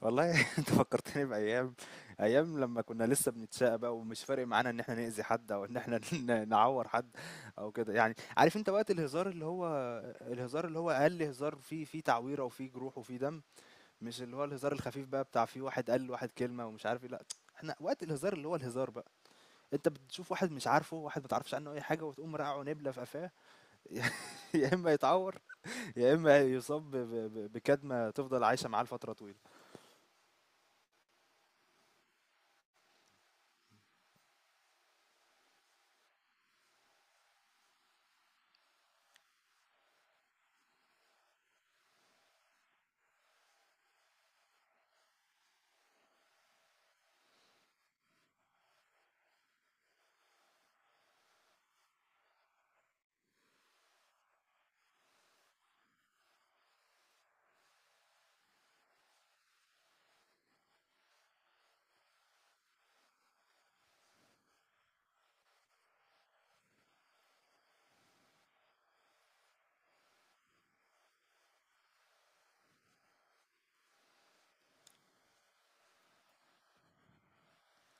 والله انت فكرتني بايام لما كنا لسه بنتشقى بقى ومش فارق معانا ان احنا نأذي حد او ان احنا نعور حد او كده. يعني عارف انت وقت الهزار اللي هو اقل هزار فيه تعويره وفيه جروح وفيه دم، مش اللي هو الهزار الخفيف بقى بتاع فيه واحد قال واحد كلمه ومش عارف ايه. لا، احنا وقت الهزار اللي هو الهزار بقى، انت بتشوف واحد مش عارفه، واحد ما تعرفش عنه اي حاجه، وتقوم رقعه نبله في قفاه. يا اما يتعور، يا اما يصاب بكدمه تفضل عايشه معاه لفتره طويله.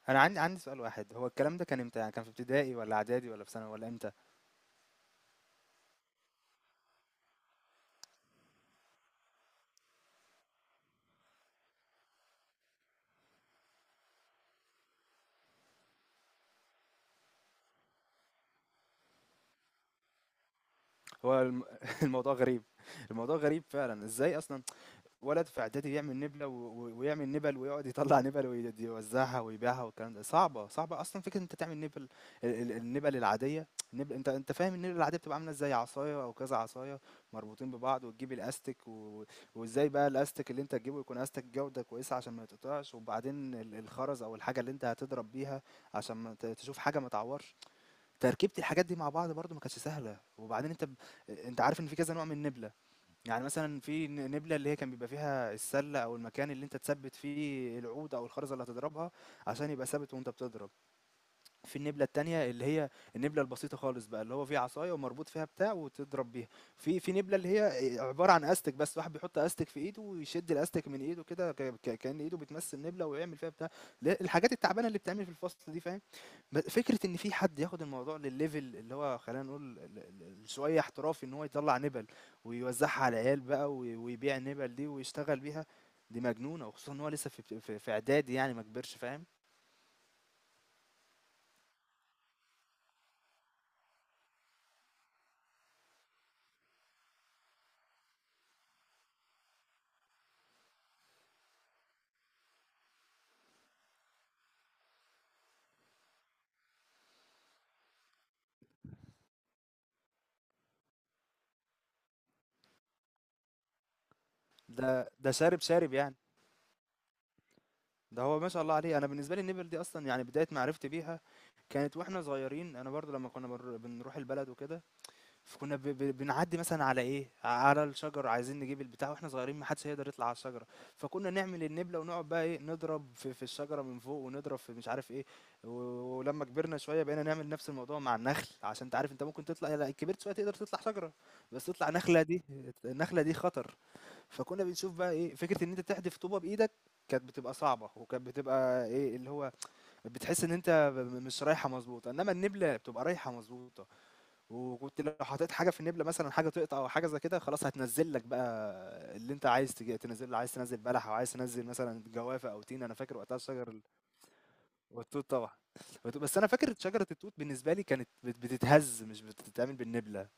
انا عندي سؤال واحد، هو الكلام ده كان امتى؟ يعني كان في ابتدائي ولا اعدادي ولا في ثانوي ولا امتى؟ هو الموضوع غريب. الموضوع غريب فعلا، ازاي اصلا ولد في اعدادي يعمل نبله ويعمل نبل ويقعد يطلع نبل ويوزعها ويبيعها؟ والكلام ده صعبه صعبه اصلا، فكره إن انت تعمل نبل. النبل العاديه، النبل، انت فاهم النبل العاديه بتبقى عامله ازاي؟ عصايه او كذا عصايه مربوطين ببعض، وتجيب الاستك وازاي بقى الاستك اللي انت تجيبه يكون استك جوده كويسه عشان ما يتقطعش، وبعدين الخرز او الحاجه اللي انت هتضرب بيها عشان ما تشوف حاجه ما تعورش. تركيبه الحاجات دي مع بعض برضو ما كانتش سهله. وبعدين انت انت عارف ان في كذا نوع من النبله. يعني مثلًا في نبلة اللي هي كان بيبقى فيها السلة أو المكان اللي أنت تثبّت فيه العود أو الخرزة اللي هتضربها عشان يبقى ثابت وأنت بتضرب. في النبلة التانية اللي هي النبلة البسيطة خالص بقى، اللي هو فيه عصاية ومربوط فيها بتاع وتضرب بيها. في في نبلة اللي هي عبارة عن استك بس، واحد بيحط استك في ايده ويشد الاستك من ايده كده، كأن ايده بتمس النبلة ويعمل فيها بتاع. لا، الحاجات التعبانة اللي بتعمل في الفصل دي، فاهم؟ فكرة ان في حد ياخد الموضوع للليفل اللي هو، خلينا نقول شوية احترافي، ان هو يطلع نبل ويوزعها على العيال بقى ويبيع النبل دي ويشتغل بيها، دي مجنونة. وخصوصا ان هو لسه في اعدادي يعني ما كبرش، فاهم؟ ده شارب شارب يعني، ده هو ما شاء الله عليه. انا بالنسبه لي النبل دي اصلا، يعني بدايه معرفتي بيها كانت واحنا صغيرين. انا برضو لما كنا بنروح البلد وكده، فكنا بنعدي مثلا على ايه، على الشجر، عايزين نجيب البتاع واحنا صغيرين ما حدش هيقدر يطلع على الشجره، فكنا نعمل النبله ونقعد بقى ايه، نضرب في الشجره من فوق ونضرب في مش عارف ايه و... ولما كبرنا شويه بقينا نعمل نفس الموضوع مع النخل، عشان انت عارف انت ممكن تطلع، لا كبرت شويه تقدر تطلع شجره، بس تطلع نخله دي، النخله دي خطر. فكنا بنشوف بقى إيه، فكرة إن أنت تحدف طوبة بإيدك كانت بتبقى صعبة، وكانت بتبقى إيه، اللي هو بتحس إن أنت ب م مش رايحة مضبوطة، إنما النبلة بتبقى رايحة مضبوطة، وكنت لو حطيت حاجة في النبلة مثلًا، حاجة تقطع أو حاجة زي كده، خلاص هتنزّل لك بقى اللي أنت عايز تنزّله، عايز تنزّل بلح أو عايز تنزّل مثلًا جوافة أو تين. أنا فاكر وقتها الشجر ال والتوت طبعًا، بس أنا فاكر شجرة التوت بالنسبة لي كانت بتتهز مش بتتعمل بالنبلة.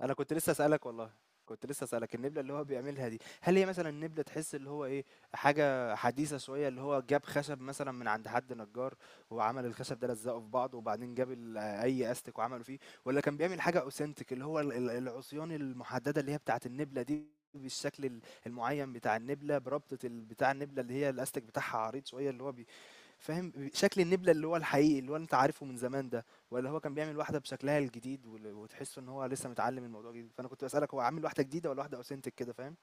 انا كنت لسه اسالك والله، كنت لسه اسالك النبله اللي هو بيعملها دي، هل هي مثلا نبله تحس اللي هو ايه، حاجه حديثه شويه اللي هو جاب خشب مثلا من عند حد نجار وعمل الخشب ده لزقه في بعضه، وبعدين جاب اي استك وعمله فيه، ولا كان بيعمل حاجه اوثنتيك اللي هو العصيان المحدده اللي هي بتاعه النبله دي، بالشكل المعين بتاع النبله، بربطه بتاع النبله اللي هي الاستك بتاعها عريض شويه اللي هو، فاهم شكل النبلة اللي هو الحقيقي اللي هو أنت عارفه من زمان ده، ولا هو كان بيعمل واحدة بشكلها الجديد وتحس إن هو لسه متعلم الموضوع جديد؟ فأنا كنت بسألك هو عامل واحدة جديدة ولا واحدة أوثنتك كده، فاهم؟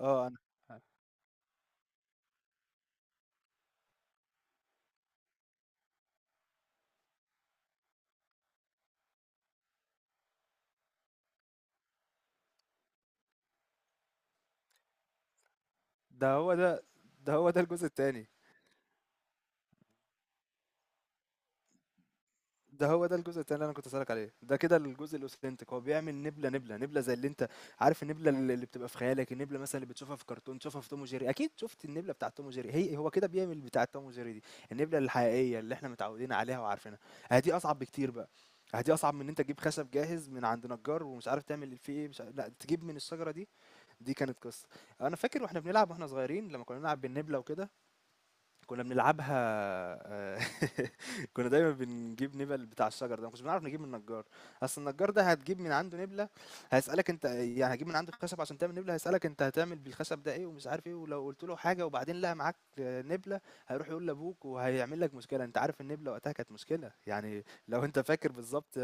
اه أنا، ده هو ده، ده هو ده الجزء التاني ده هو ده الجزء التاني اللي انا كنت اسالك عليه. ده كده الجزء الاوثنتيك، هو بيعمل نبله نبله نبله زي اللي انت عارف، النبله اللي بتبقى في خيالك، النبله مثلا اللي بتشوفها في كرتون، تشوفها في توم وجيري، اكيد شفت النبله بتاعه توم وجيري، هي هو كده بيعمل بتاعه توم وجيري دي، النبله الحقيقيه اللي احنا متعودين عليها وعارفينها. آه دي اصعب بكتير بقى، آه دي اصعب من ان انت تجيب خشب جاهز من عند نجار ومش عارف تعمل فيه ايه مش عارف، لا تجيب من الشجره دي. دي كانت قصه. انا فاكر واحنا بنلعب واحنا صغيرين، لما كنا بنلعب بالنبله وكده، كنا بنلعبها آه، كنا دايما بنجيب نبل بتاع الشجر ده، ما كناش بنعرف نجيب من النجار، اصل النجار ده هتجيب من عنده نبله؟ هيسالك انت يعني هتجيب من عنده خشب عشان تعمل نبله؟ هيسالك انت هتعمل بالخشب ده ايه ومش عارف ايه، ولو قلت له حاجه وبعدين لقى معاك آه، نبله، هيروح يقول لابوك وهيعمل لك مشكله. انت عارف النبله وقتها كانت مشكله يعني، لو انت فاكر بالظبط،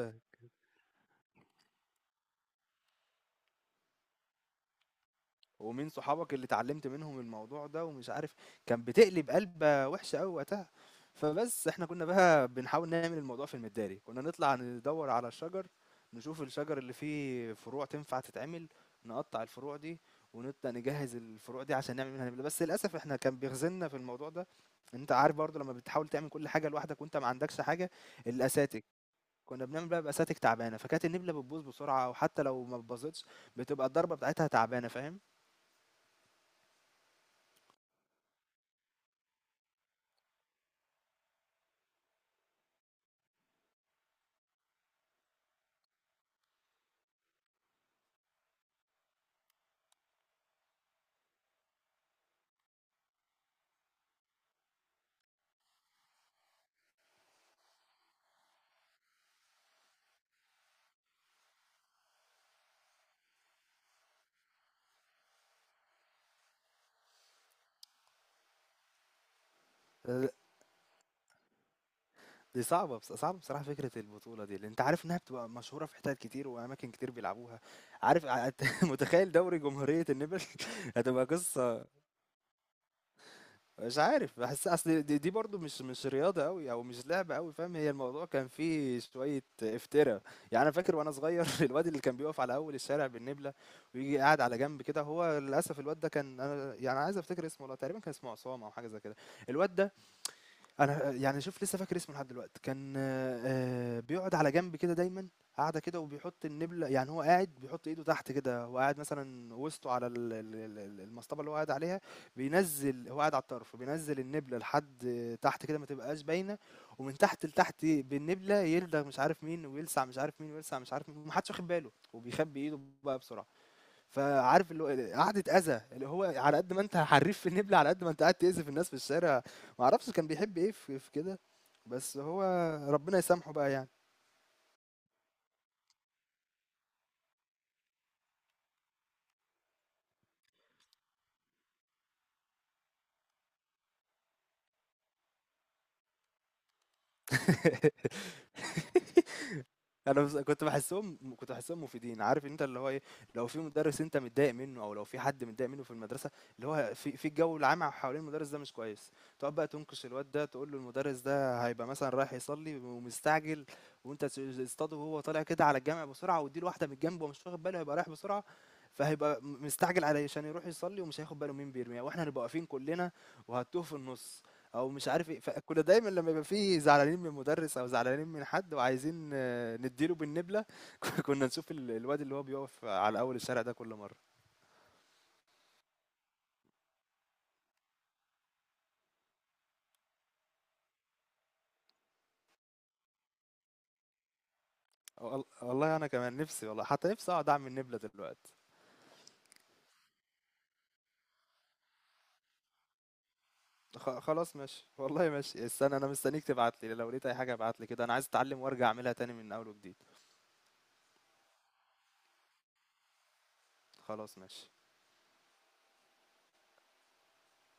ومين صحابك اللي اتعلمت منهم الموضوع ده ومش عارف، كان بتقلب قلبة وحشة قوي وقتها. فبس احنا كنا بقى بنحاول نعمل الموضوع في المداري، كنا نطلع ندور على الشجر، نشوف الشجر اللي فيه فروع تنفع تتعمل، نقطع الفروع دي ونبدأ نجهز الفروع دي عشان نعمل منها نبلة. بس للأسف احنا كان بيخزلنا في الموضوع ده، انت عارف برضو لما بتحاول تعمل كل حاجة لوحدك وانت ما عندكش حاجة، الأساتك، كنا بنعمل بقى بأساتك تعبانة، فكانت النبلة بتبوظ بسرعة، وحتى لو ما بتبوظتش بتبقى الضربة بتاعتها تعبانة، فاهم؟ دي صعبة، بص صعبة بصراحة فكرة البطولة دي، لأن أنت عارف إنها بتبقى مشهورة في حتت كتير وأماكن كتير بيلعبوها، عارف متخيل دوري جمهورية النمل؟ هتبقى قصة. مش عارف، بحس أصل دي برضو مش رياضة أوي أو مش لعبة أوي، فاهم؟ هي الموضوع كان فيه شوية افتراء، يعني أنا فاكر وأنا صغير الواد اللي كان بيقف على أول الشارع بالنبلة ويجي قاعد على جنب كده، هو للأسف الواد ده كان، أنا يعني عايز أفتكر اسمه والله، تقريبا كان اسمه عصام أو حاجة زي كده، الواد ده أنا يعني شوف لسه فاكر اسمه لحد دلوقتي، كان بيقعد على جنب كده دايمًا، قاعدة كده وبيحط النبلة، يعني هو قاعد بيحط إيده تحت كده، هو قاعد مثلًا وسطه على ال ال ال ال المصطبة اللي هو قاعد عليها، بينزّل، هو قاعد على الطرف، بينزّل النبلة لحد تحت كده ما تبقاش باينة، ومن تحت لتحت بالنبلة يلدغ مش عارف مين، ويلسع مش عارف مين، ويلسع مش عارف مين، وما حدش واخد باله، وبيخبّي إيده بقى بسرعة. فعارف اللي هو قعدة أذى، اللي هو على قد ما أنت حريف في النبل، على قد ما أنت قاعد تأذي في الناس في الشارع، ما أعرفش كان بيحب إيه في كده، بس هو ربنا يسامحه بقى يعني. انا بس كنت بحسهم، كنت بحسهم مفيدين، عارف انت اللي هو ايه، لو في مدرس انت متضايق منه او لو في حد متضايق منه في المدرسه، اللي هو في الجو العام حوالين المدرس ده مش كويس، تقعد بقى تنكش الواد ده تقول له المدرس ده هيبقى مثلا رايح يصلي ومستعجل، وانت تصطاده وهو طالع كده على الجامع بسرعه، واديله واحده من الجنب ومش واخد باله، هيبقى رايح بسرعه، فهيبقى مستعجل علشان يروح يصلي، ومش هياخد باله مين بيرميها، واحنا هنبقى واقفين كلنا وهتوه في النص او مش عارف ايه. فكنا دايما لما يبقى فيه زعلانين من مدرس او زعلانين من حد، وعايزين آه، نديله بالنبله، كنا نشوف الواد اللي هو بيقف على اول الشارع ده كل مره. والله انا كمان نفسي والله، حتى نفسي اقعد اعمل نبله دلوقتي. خلاص ماشي والله، ماشي، استنى انا مستنيك تبعت لي، لو لقيت اي حاجه ابعت لي كده، انا عايز اتعلم وارجع اعملها تاني من اول وجديد. خلاص ماشي.